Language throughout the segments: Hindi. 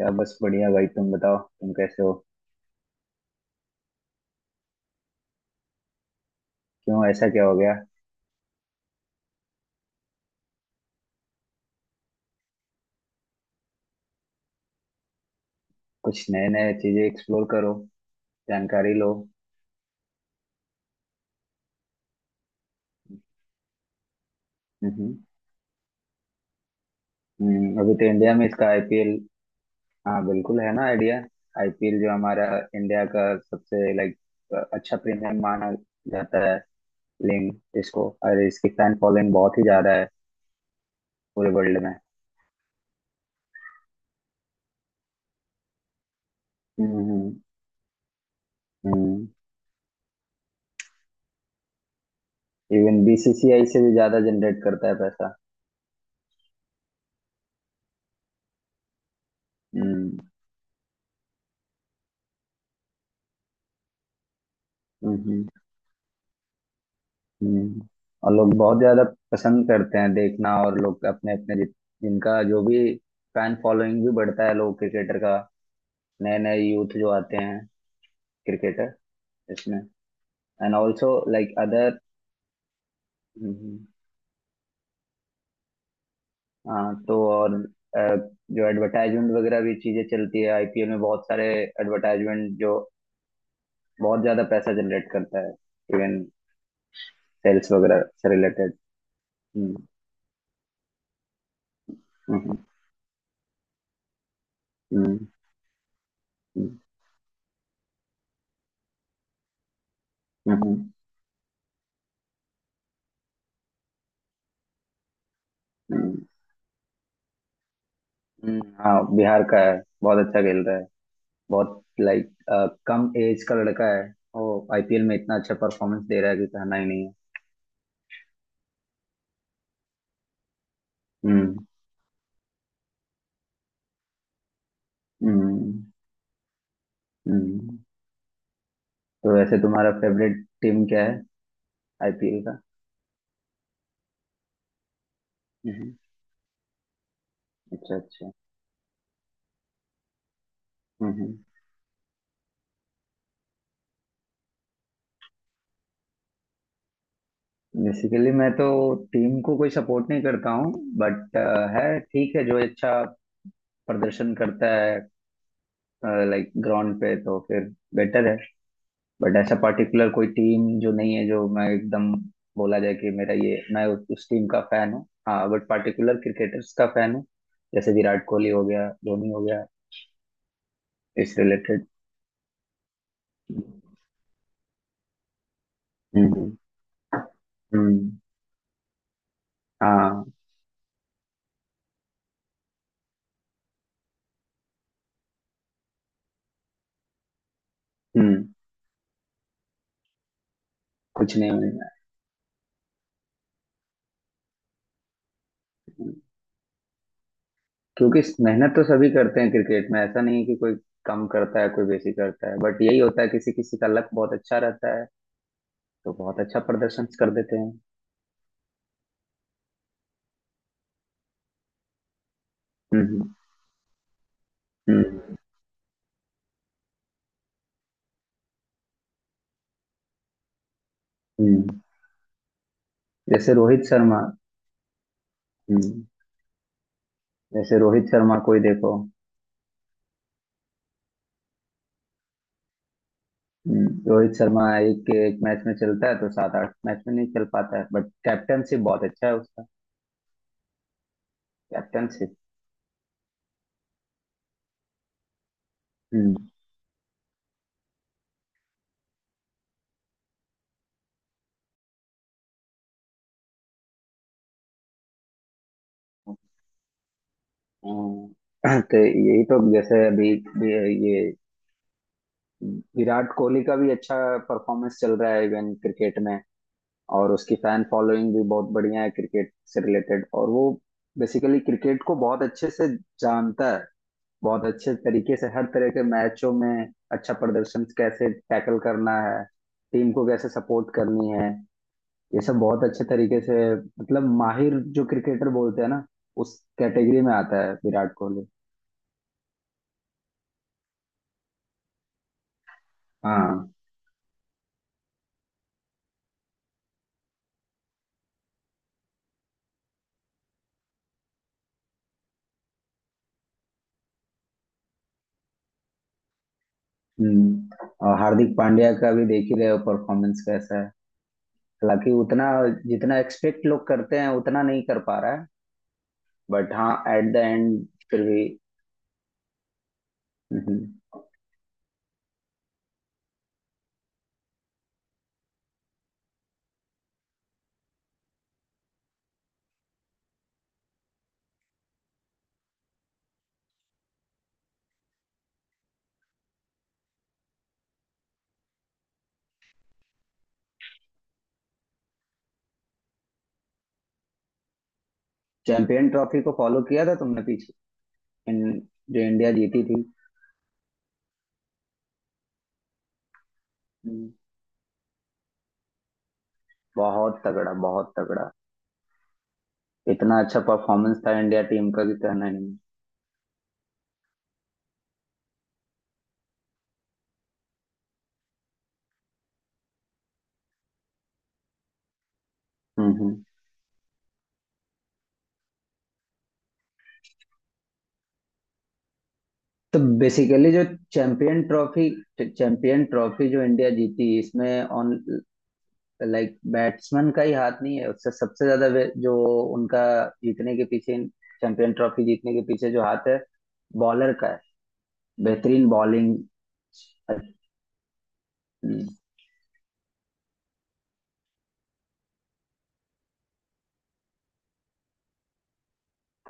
या बस बढ़िया भाई, तुम बताओ तुम कैसे हो। क्यों ऐसा क्या हो गया? कुछ नए नए चीजें एक्सप्लोर करो। जानकारी लो। हम्म। अभी तो इंडिया में इसका आईपीएल। हाँ, बिल्कुल है ना आइडिया। आईपीएल जो हमारा इंडिया का सबसे लाइक अच्छा प्रीमियम माना जाता है लीग इसको, और इसकी फैन फॉलोइंग बहुत ही ज्यादा है पूरे वर्ल्ड में। Hmm, hmm. इवन बीसीसीआई से भी ज्यादा जनरेट करता है पैसा। हम्म, हम्म, हम्म, और लोग बहुत ज्यादा पसंद करते हैं देखना, और लोग अपने अपने जिनका जो भी फैन फॉलोइंग भी बढ़ता है लोग क्रिकेटर का। नए नए यूथ जो आते हैं क्रिकेटर इसमें। And also like other. हाँ, तो और अ, जो एडवर्टाइजमेंट वगैरह भी चीजें चलती है आईपीएल में, बहुत सारे एडवर्टाइजमेंट जो बहुत ज्यादा पैसा जनरेट करता है, इवन सेल्स वगैरह से रिलेटेड। हम्म, हम्म, हम्म, हम्म, हम्म, हम्म, हाँ, बिहार का है। बहुत अच्छा खेल रहा है। बहुत लाइक कम एज का लड़का है, वो आईपीएल में इतना अच्छा परफॉर्मेंस दे रहा है कि कहना ही नहीं है। हम्म, हम्म, हम्म। तो वैसे तुम्हारा फेवरेट टीम क्या है आईपीएल का? हम्म, अच्छा, अच्छा। हम्म। बेसिकली मैं तो टीम को कोई सपोर्ट नहीं करता हूँ, बट है ठीक है, जो अच्छा प्रदर्शन करता है लाइक ग्राउंड पे तो फिर बेटर है। बट ऐसा पर्टिकुलर कोई टीम जो नहीं है, जो मैं एकदम बोला जाए कि मेरा ये, मैं उस टीम का फैन हूँ, हाँ, बट पर्टिकुलर क्रिकेटर्स का फैन हूँ, जैसे विराट कोहली हो गया, धोनी हो गया, इस रिलेटेड। हम्म, हम्म, हाँ, हम्म, कुछ नहीं मिलना। क्योंकि मेहनत तो सभी करते हैं क्रिकेट में, ऐसा नहीं है कि कोई कम करता है कोई बेसी करता है, बट यही होता है किसी किसी का लक बहुत अच्छा रहता है तो बहुत अच्छा प्रदर्शन कर देते हैं। हम्म, हम्म, हम्म। जैसे रोहित शर्मा। हम्म। जैसे रोहित शर्मा को ही देखो। रोहित शर्मा एक एक मैच में चलता है तो सात आठ मैच में नहीं चल पाता है, बट कैप्टनशिप बहुत अच्छा है उसका। कैप्टनशिप। हम्म। हाँ, तो यही तो जैसे अभी भी ये विराट कोहली का भी अच्छा परफॉर्मेंस चल रहा है इवन क्रिकेट में, और उसकी फैन फॉलोइंग भी बहुत बढ़िया है क्रिकेट से रिलेटेड। और वो बेसिकली क्रिकेट को बहुत अच्छे से जानता है, बहुत अच्छे तरीके से हर तरह के मैचों में अच्छा प्रदर्शन कैसे टैकल करना है, टीम को कैसे सपोर्ट करनी है, ये सब बहुत अच्छे तरीके से। मतलब माहिर जो क्रिकेटर बोलते हैं ना, उस कैटेगरी में आता है विराट कोहली। हाँ। और हार्दिक पांड्या का भी देख ही रहे हो परफॉर्मेंस कैसा है? हालांकि उतना जितना एक्सपेक्ट लोग करते हैं उतना नहीं कर पा रहा है, बट हाँ, एट द एंड फिर भी। हम्म, चैंपियन ट्रॉफी को फॉलो किया था तुमने पीछे, इन, जो इंडिया जीती थी? हम्म, बहुत तगड़ा, बहुत तगड़ा। इतना अच्छा परफॉर्मेंस था इंडिया टीम का कि कहना नहीं। हम्म, तो बेसिकली जो चैंपियन ट्रॉफी, चैंपियन ट्रॉफी जो इंडिया जीती इसमें, ऑन लाइक बैट्समैन का ही हाथ नहीं है उससे, सबसे ज्यादा जो उनका जीतने के पीछे, चैंपियन ट्रॉफी जीतने के पीछे जो हाथ है बॉलर का है, बेहतरीन बॉलिंग। हम्म,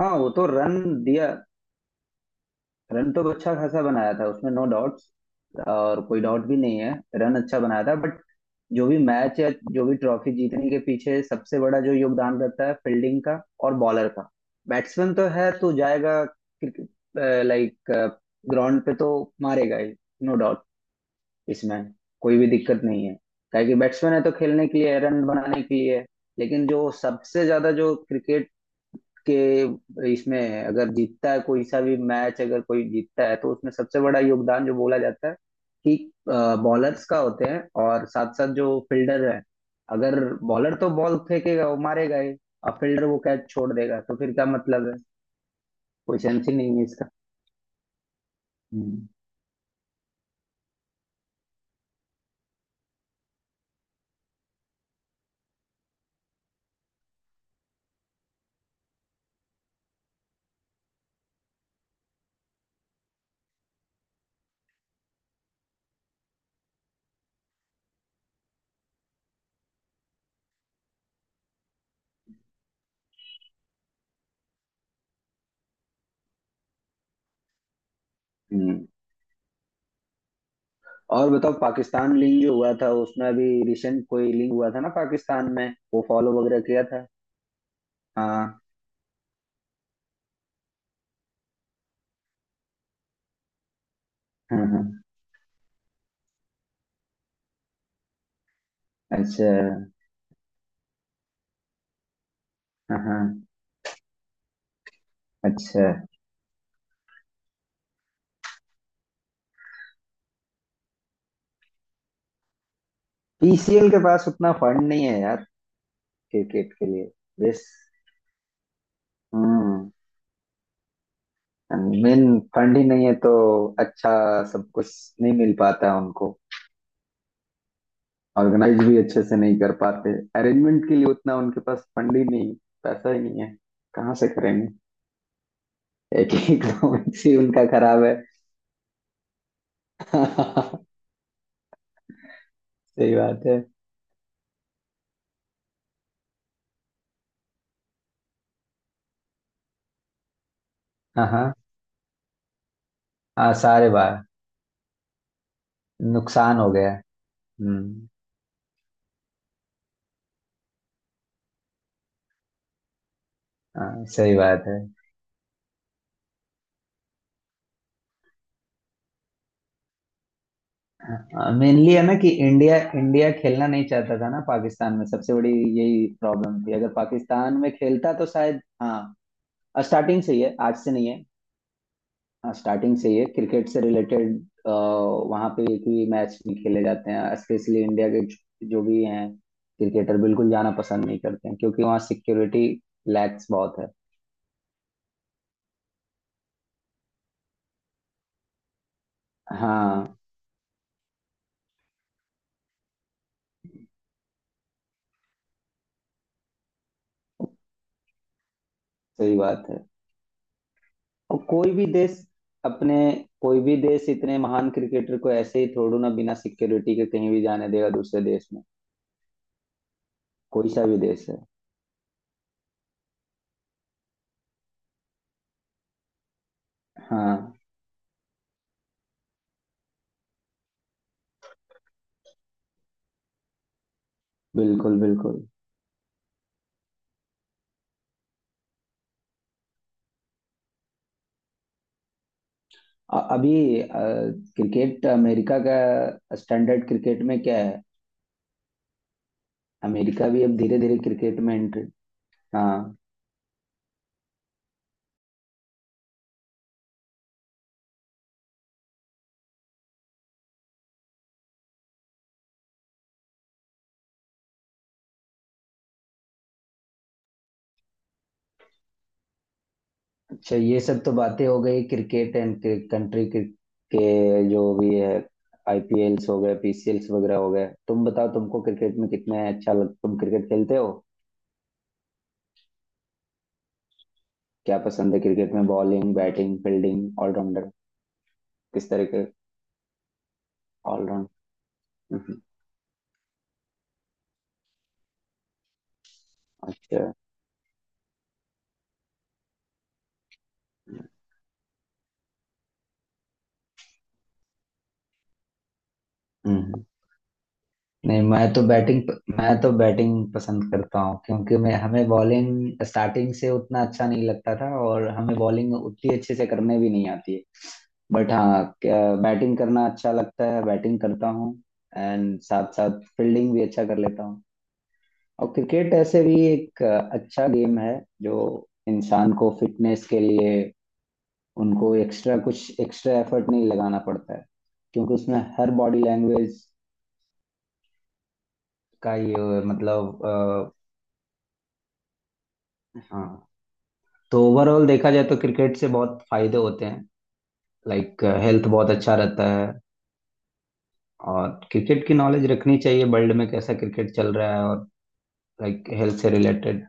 हाँ, वो तो रन दिया। रन तो अच्छा खासा बनाया था उसमें, नो डाउट्स, और कोई डाउट भी नहीं है। रन अच्छा बनाया था, बट जो भी मैच या जो भी ट्रॉफी जीतने के पीछे सबसे बड़ा जो योगदान रहता है फील्डिंग का और बॉलर का। बैट्समैन तो है तो जाएगा, लाइक ग्राउंड पे तो मारेगा ही, नो डाउट, इसमें कोई भी दिक्कत नहीं है, ताकि बैट्समैन है तो खेलने के लिए, रन बनाने के लिए। लेकिन जो सबसे ज्यादा जो क्रिकेट के इसमें, अगर जीतता है कोई सा भी मैच, अगर कोई जीतता है, तो उसमें सबसे बड़ा योगदान जो बोला जाता है कि बॉलर्स का होते हैं, और साथ साथ जो फील्डर है, अगर बॉलर तो बॉल फेंकेगा वो मारेगा ही, और फील्डर वो कैच छोड़ देगा तो फिर क्या मतलब है, कोई सेंस ही नहीं है इसका। हम्म, हम्म। और बताओ, पाकिस्तान लिंग जो हुआ था उसमें, अभी रिसेंट कोई लिंग हुआ था ना पाकिस्तान में, वो फॉलो वगैरह किया था? हाँ, हाँ, हाँ। अच्छा। हाँ, हाँ। अच्छा। पीसीएल के पास उतना फंड नहीं है यार, क्रिकेट के लिए। यस। हम्म। मेन फंड ही नहीं है तो। अच्छा। सब कुछ नहीं मिल पाता है उनको। ऑर्गेनाइज भी अच्छे से नहीं कर पाते। अरेंजमेंट के लिए उतना उनके पास फंड ही नहीं, पैसा ही नहीं है, कहाँ से करेंगे। एक ही इकोनॉमिक्स ही उनका खराब है। सही बात है। हाँ, हाँ, हाँ, सारे बार नुकसान हो गया। हम्म। हाँ, सही बात है। मेनली है ना कि इंडिया, इंडिया खेलना नहीं चाहता था ना पाकिस्तान में, सबसे बड़ी यही प्रॉब्लम थी। अगर पाकिस्तान में खेलता तो शायद, हाँ, स्टार्टिंग से ही है, आज से नहीं है। हाँ, स्टार्टिंग से ही है क्रिकेट से रिलेटेड, वहाँ पे एक ही मैच भी खेले जाते हैं स्पेशली इंडिया के, जो जो भी हैं क्रिकेटर बिल्कुल जाना पसंद नहीं करते हैं क्योंकि वहाँ सिक्योरिटी लैक्स बहुत है। हाँ, सही बात है। और अपने कोई भी देश इतने महान क्रिकेटर को ऐसे ही थोड़ू ना बिना सिक्योरिटी के कहीं भी जाने देगा दूसरे देश में, कोई सा भी देश है। हाँ, बिल्कुल, बिल्कुल। अभी अ, क्रिकेट अमेरिका का, स्टैंडर्ड क्रिकेट में क्या है? अमेरिका भी अब धीरे धीरे क्रिकेट में एंट्री? हाँ, अच्छा, ये सब तो बातें हो गई क्रिकेट एंड कंट्री के, जो भी है, आईपीएल्स हो गए, पीसीएल्स वगैरह हो गए। तुम बताओ, तुमको क्रिकेट में कितने अच्छा लग तुम क्रिकेट खेलते हो? क्या पसंद है क्रिकेट में? बॉलिंग, बैटिंग, फील्डिंग, ऑलराउंडर, किस तरह के? ऑलराउंड। अच्छा। हम्म। नहीं, मैं तो बैटिंग पसंद करता हूँ, क्योंकि मैं, हमें बॉलिंग स्टार्टिंग से उतना अच्छा नहीं लगता था, और हमें बॉलिंग उतनी अच्छे से करने भी नहीं आती है, बट हाँ, बैटिंग करना अच्छा लगता है, बैटिंग करता हूँ। एंड साथ साथ फील्डिंग भी अच्छा कर लेता हूँ। और क्रिकेट ऐसे भी एक अच्छा गेम है, जो इंसान को फिटनेस के लिए उनको एक्स्ट्रा कुछ एक्स्ट्रा एफर्ट नहीं लगाना पड़ता है, क्योंकि उसमें हर बॉडी लैंग्वेज का ये मतलब। हाँ, तो ओवरऑल देखा जाए तो क्रिकेट से बहुत फायदे होते हैं, लाइक हेल्थ बहुत अच्छा रहता है। और क्रिकेट की नॉलेज रखनी चाहिए, वर्ल्ड में कैसा क्रिकेट चल रहा है, और लाइक हेल्थ से रिलेटेड।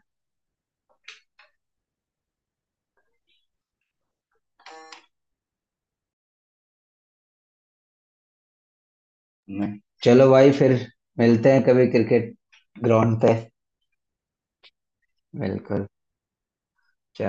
चलो भाई, फिर मिलते हैं कभी क्रिकेट ग्राउंड पे। बिल्कुल।